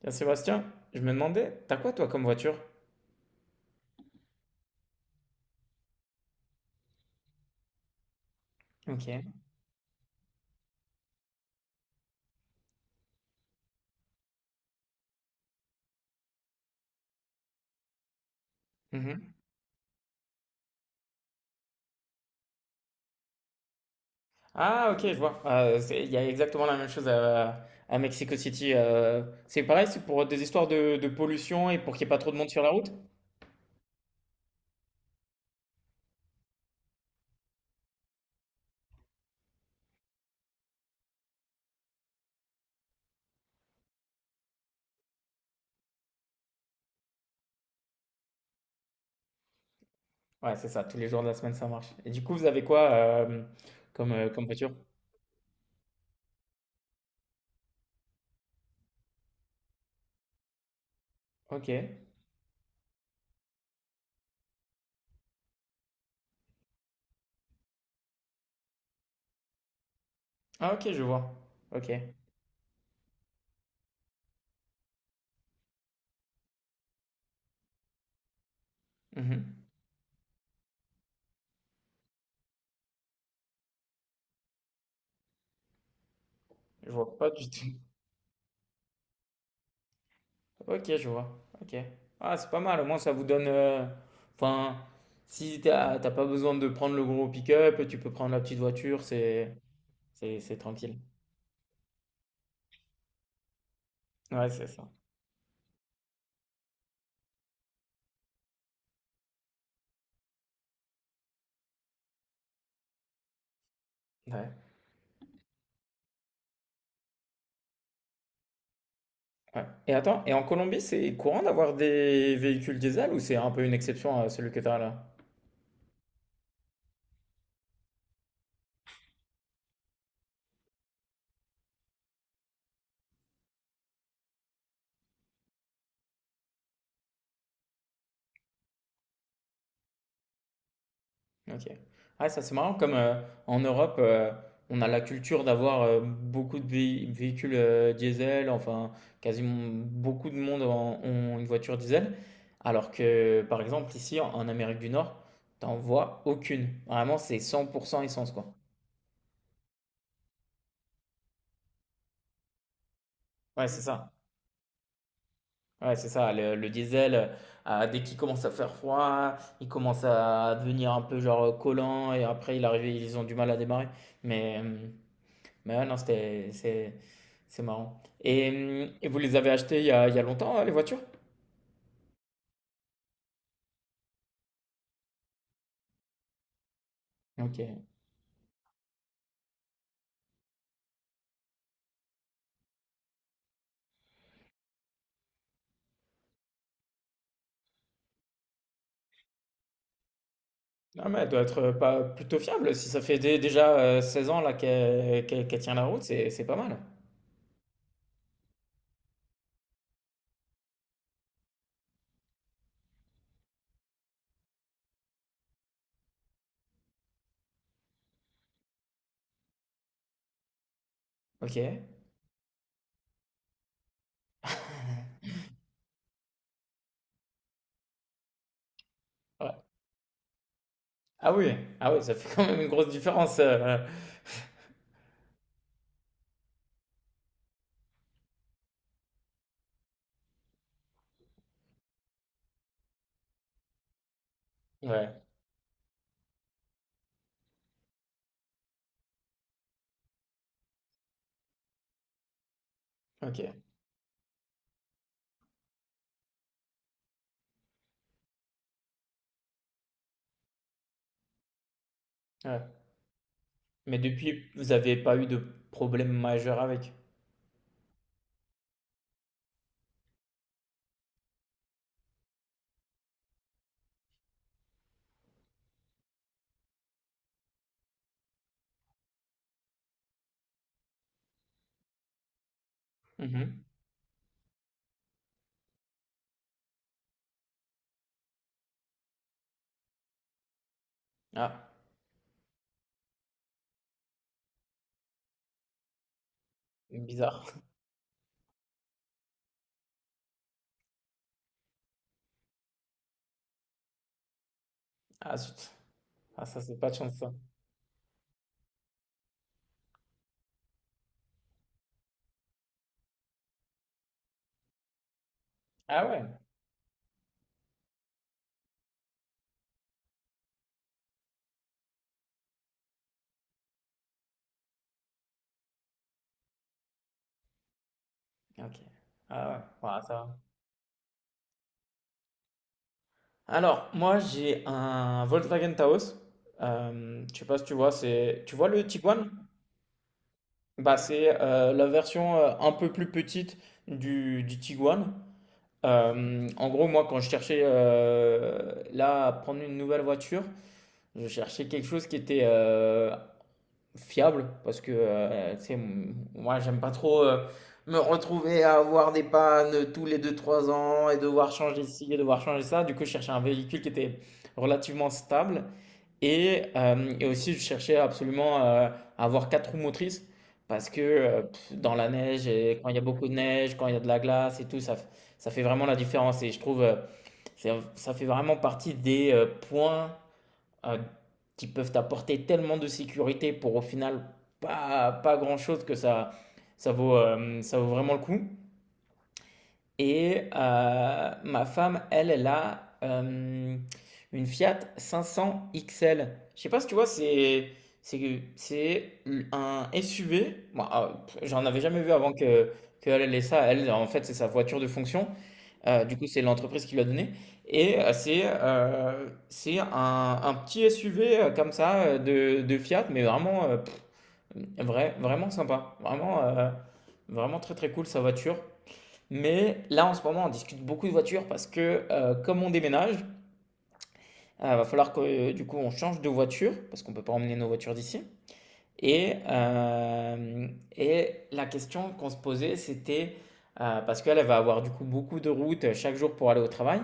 Tiens, Sébastien, je me demandais, t'as quoi toi comme voiture? Ok. Mhm. Ah ok, je vois. Il y a exactement la même chose à Mexico City. C'est pareil, c'est pour des histoires de pollution et pour qu'il n'y ait pas trop de monde sur la route? Ouais, c'est ça, tous les jours de la semaine ça marche. Et du coup, vous avez quoi comme, comme voiture? Ok. Ah ok, je vois. Ok. Mhm. Je vois pas du tout. Ok, je vois. Ok. Ah, c'est pas mal. Au moins, ça vous donne. Enfin, si t'as pas besoin de prendre le gros pick-up, tu peux prendre la petite voiture. C'est tranquille. Ouais, c'est ça. Ouais. Ouais. Et attends, et en Colombie, c'est courant d'avoir des véhicules diesel ou c'est un peu une exception à celui que t'as là? OK. Ouais, ça c'est marrant comme en Europe, on a la culture d'avoir beaucoup de véhicules diesel, enfin quasiment beaucoup de ont une voiture diesel, alors que par exemple ici en, en Amérique du Nord, t'en vois aucune. Vraiment, c'est 100% essence quoi. Ouais, c'est ça. Ouais, c'est ça. Le diesel, ah, dès qu'il commence à faire froid, il commence à devenir un peu genre collant et après il arrive, ils ont du mal à démarrer. Mais euh, non, c'était, c'est marrant. Et vous les avez achetées il y a longtemps, hein, les voitures? Ok. Non, mais elle doit être pas plutôt fiable. Si ça fait déjà 16 ans là qu'elle tient la route, c'est pas mal. Ok. Ouais. Ah oui, ah oui, ça fait quand même une grosse différence. Ouais. Ok. Ouais. Mais depuis, vous avez pas eu de problème majeur avec. Mhm. Ah, bizarre. Ah zut. Ah ça c'est pas de chance ça. Ah ouais. Ok. Ah ouais. Ouais, ça va. Alors, moi, j'ai un Volkswagen Taos. Je sais pas si tu vois, c'est, tu vois le Tiguan? Bah, c'est la version un peu plus petite du Tiguan. En gros, moi, quand je cherchais là à prendre une nouvelle voiture, je cherchais quelque chose qui était fiable, parce que, tu sais, m moi, j'aime pas trop, me retrouver à avoir des pannes tous les deux trois ans et devoir changer ci et devoir changer ça. Du coup, je cherchais un véhicule qui était relativement stable et hem et aussi je cherchais absolument, à avoir 4 roues motrices parce que, dans la neige et quand il y a beaucoup de neige, quand il y a de la glace et tout, ça fait vraiment la différence et je trouve, c'est ça fait vraiment partie des, points euh, qui peuvent t'apporter tellement de sécurité pour au final pas, pas grand-chose que ça vaut vraiment le coup. Et ma femme, elle, elle a une Fiat 500 XL. Je sais pas si tu vois, c'est c'est un SUV. Moi, ah, j'en avais jamais vu avant que qu'elle ait ça. Elle, en fait, c'est sa voiture de fonction. Du coup, c'est l'entreprise qui lui a donné et c'est un petit SUV, comme ça, de Fiat, mais vraiment, vraiment sympa. Vraiment, vraiment très, très cool sa voiture. Mais là, en ce moment, on discute beaucoup de voitures parce que, comme on déménage, va falloir que, du coup, on change de voiture parce qu'on ne peut pas emmener nos voitures d'ici et, euh, et la question qu'on se posait, c'était, parce qu'elle elle va avoir du coup beaucoup de routes chaque jour pour aller au travail,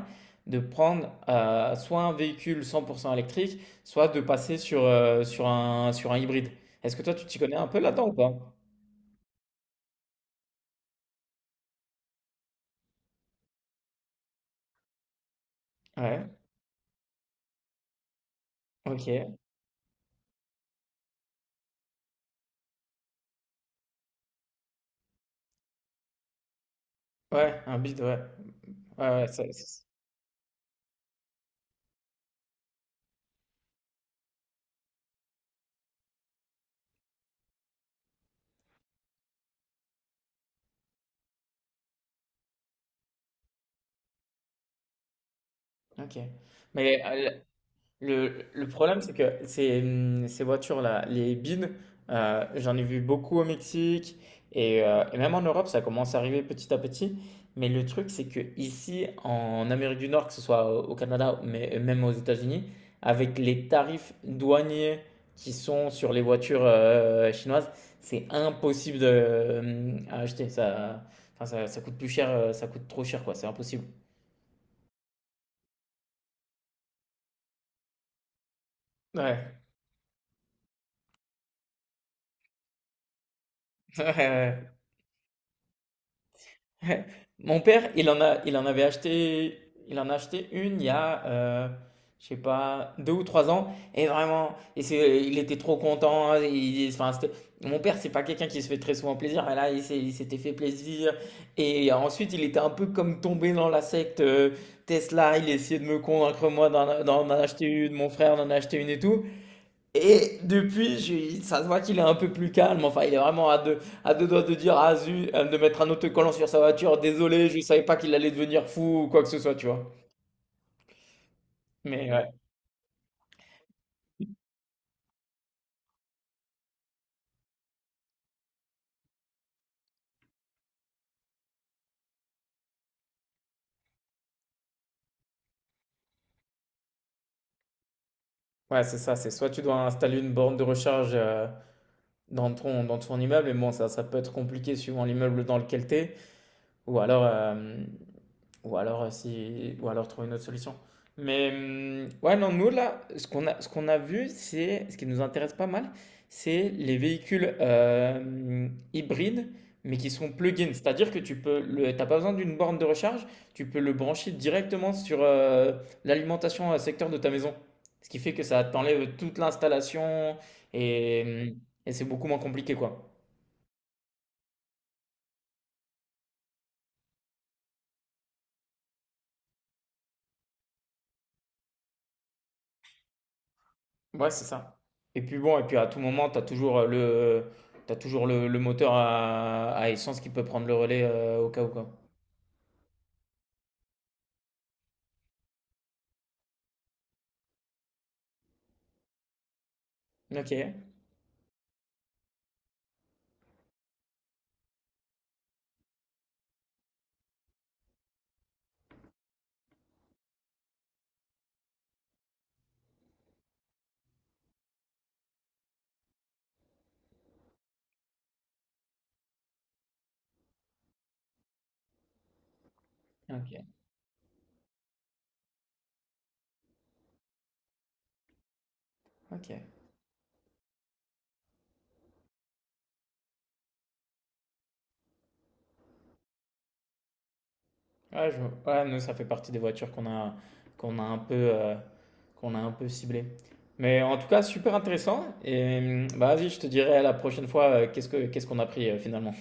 de prendre soit un véhicule 100% électrique, soit de passer sur, sur un hybride. Est-ce que toi, tu t'y connais un peu là-dedans ou pas? Ouais, ok. Ouais, un bide, ouais. Ouais, ouais, ok. Mais euh, le problème, c'est que ces, ces voitures-là, les bins, j'en ai vu beaucoup au Mexique et même en Europe, ça commence à arriver petit à petit. Mais le truc, c'est que ici, en Amérique du Nord, que ce soit au Canada, mais même aux États-Unis, avec les tarifs douaniers qui sont sur les voitures chinoises, c'est impossible de, à acheter. Enfin, ça coûte plus cher, ça coûte trop cher, quoi. C'est impossible. Ouais. Ouais, ouais, ouais. Ouais. Mon père, il en avait acheté, il en a acheté une il y a, je sais pas, deux ou trois ans. Et vraiment, il était trop content. Enfin, mon père, c'est pas quelqu'un qui se fait très souvent plaisir. Mais là, il s'était fait plaisir. Et ensuite, il était un peu comme tombé dans la secte Tesla. Il essayait de me convaincre, moi, d'en acheter une, mon frère d'en acheter une et tout. Et depuis, ça se voit qu'il est un peu plus calme. Enfin, il est vraiment à deux doigts de dire, ah zut, de mettre un autocollant sur sa voiture. Désolé, je savais pas qu'il allait devenir fou ou quoi que ce soit, tu vois. Mais ouais, ouais, c'est ça. C'est soit tu dois installer une borne de recharge dans ton immeuble, et bon, ça peut être compliqué suivant l'immeuble dans lequel tu. Ou alors, euh, ou alors, si, ou alors trouver une autre solution. Mais ouais, non, nous là, ce qu'on a vu, c'est ce qui nous intéresse pas mal, c'est les véhicules hybrides, mais qui sont plug-in. C'est-à-dire que tu peux, le, t'as pas besoin d'une borne de recharge, tu peux le brancher directement sur l'alimentation secteur de ta maison. Ce qui fait que ça t'enlève toute l'installation et, hum, et c'est beaucoup moins compliqué, quoi. Ouais, c'est ça. Et puis bon, et puis à tout moment, tu as toujours t'as toujours le moteur à essence qui peut prendre le relais au cas où quoi. Ok, ok, ok. Ouais, je, ouais, nous, ça fait partie des voitures qu'on a, qu'on a un peu, qu'on a un peu ciblées. Mais en tout cas, super intéressant. Et bah, vas-y, je te dirai la prochaine fois qu'est-ce qu'on a pris finalement.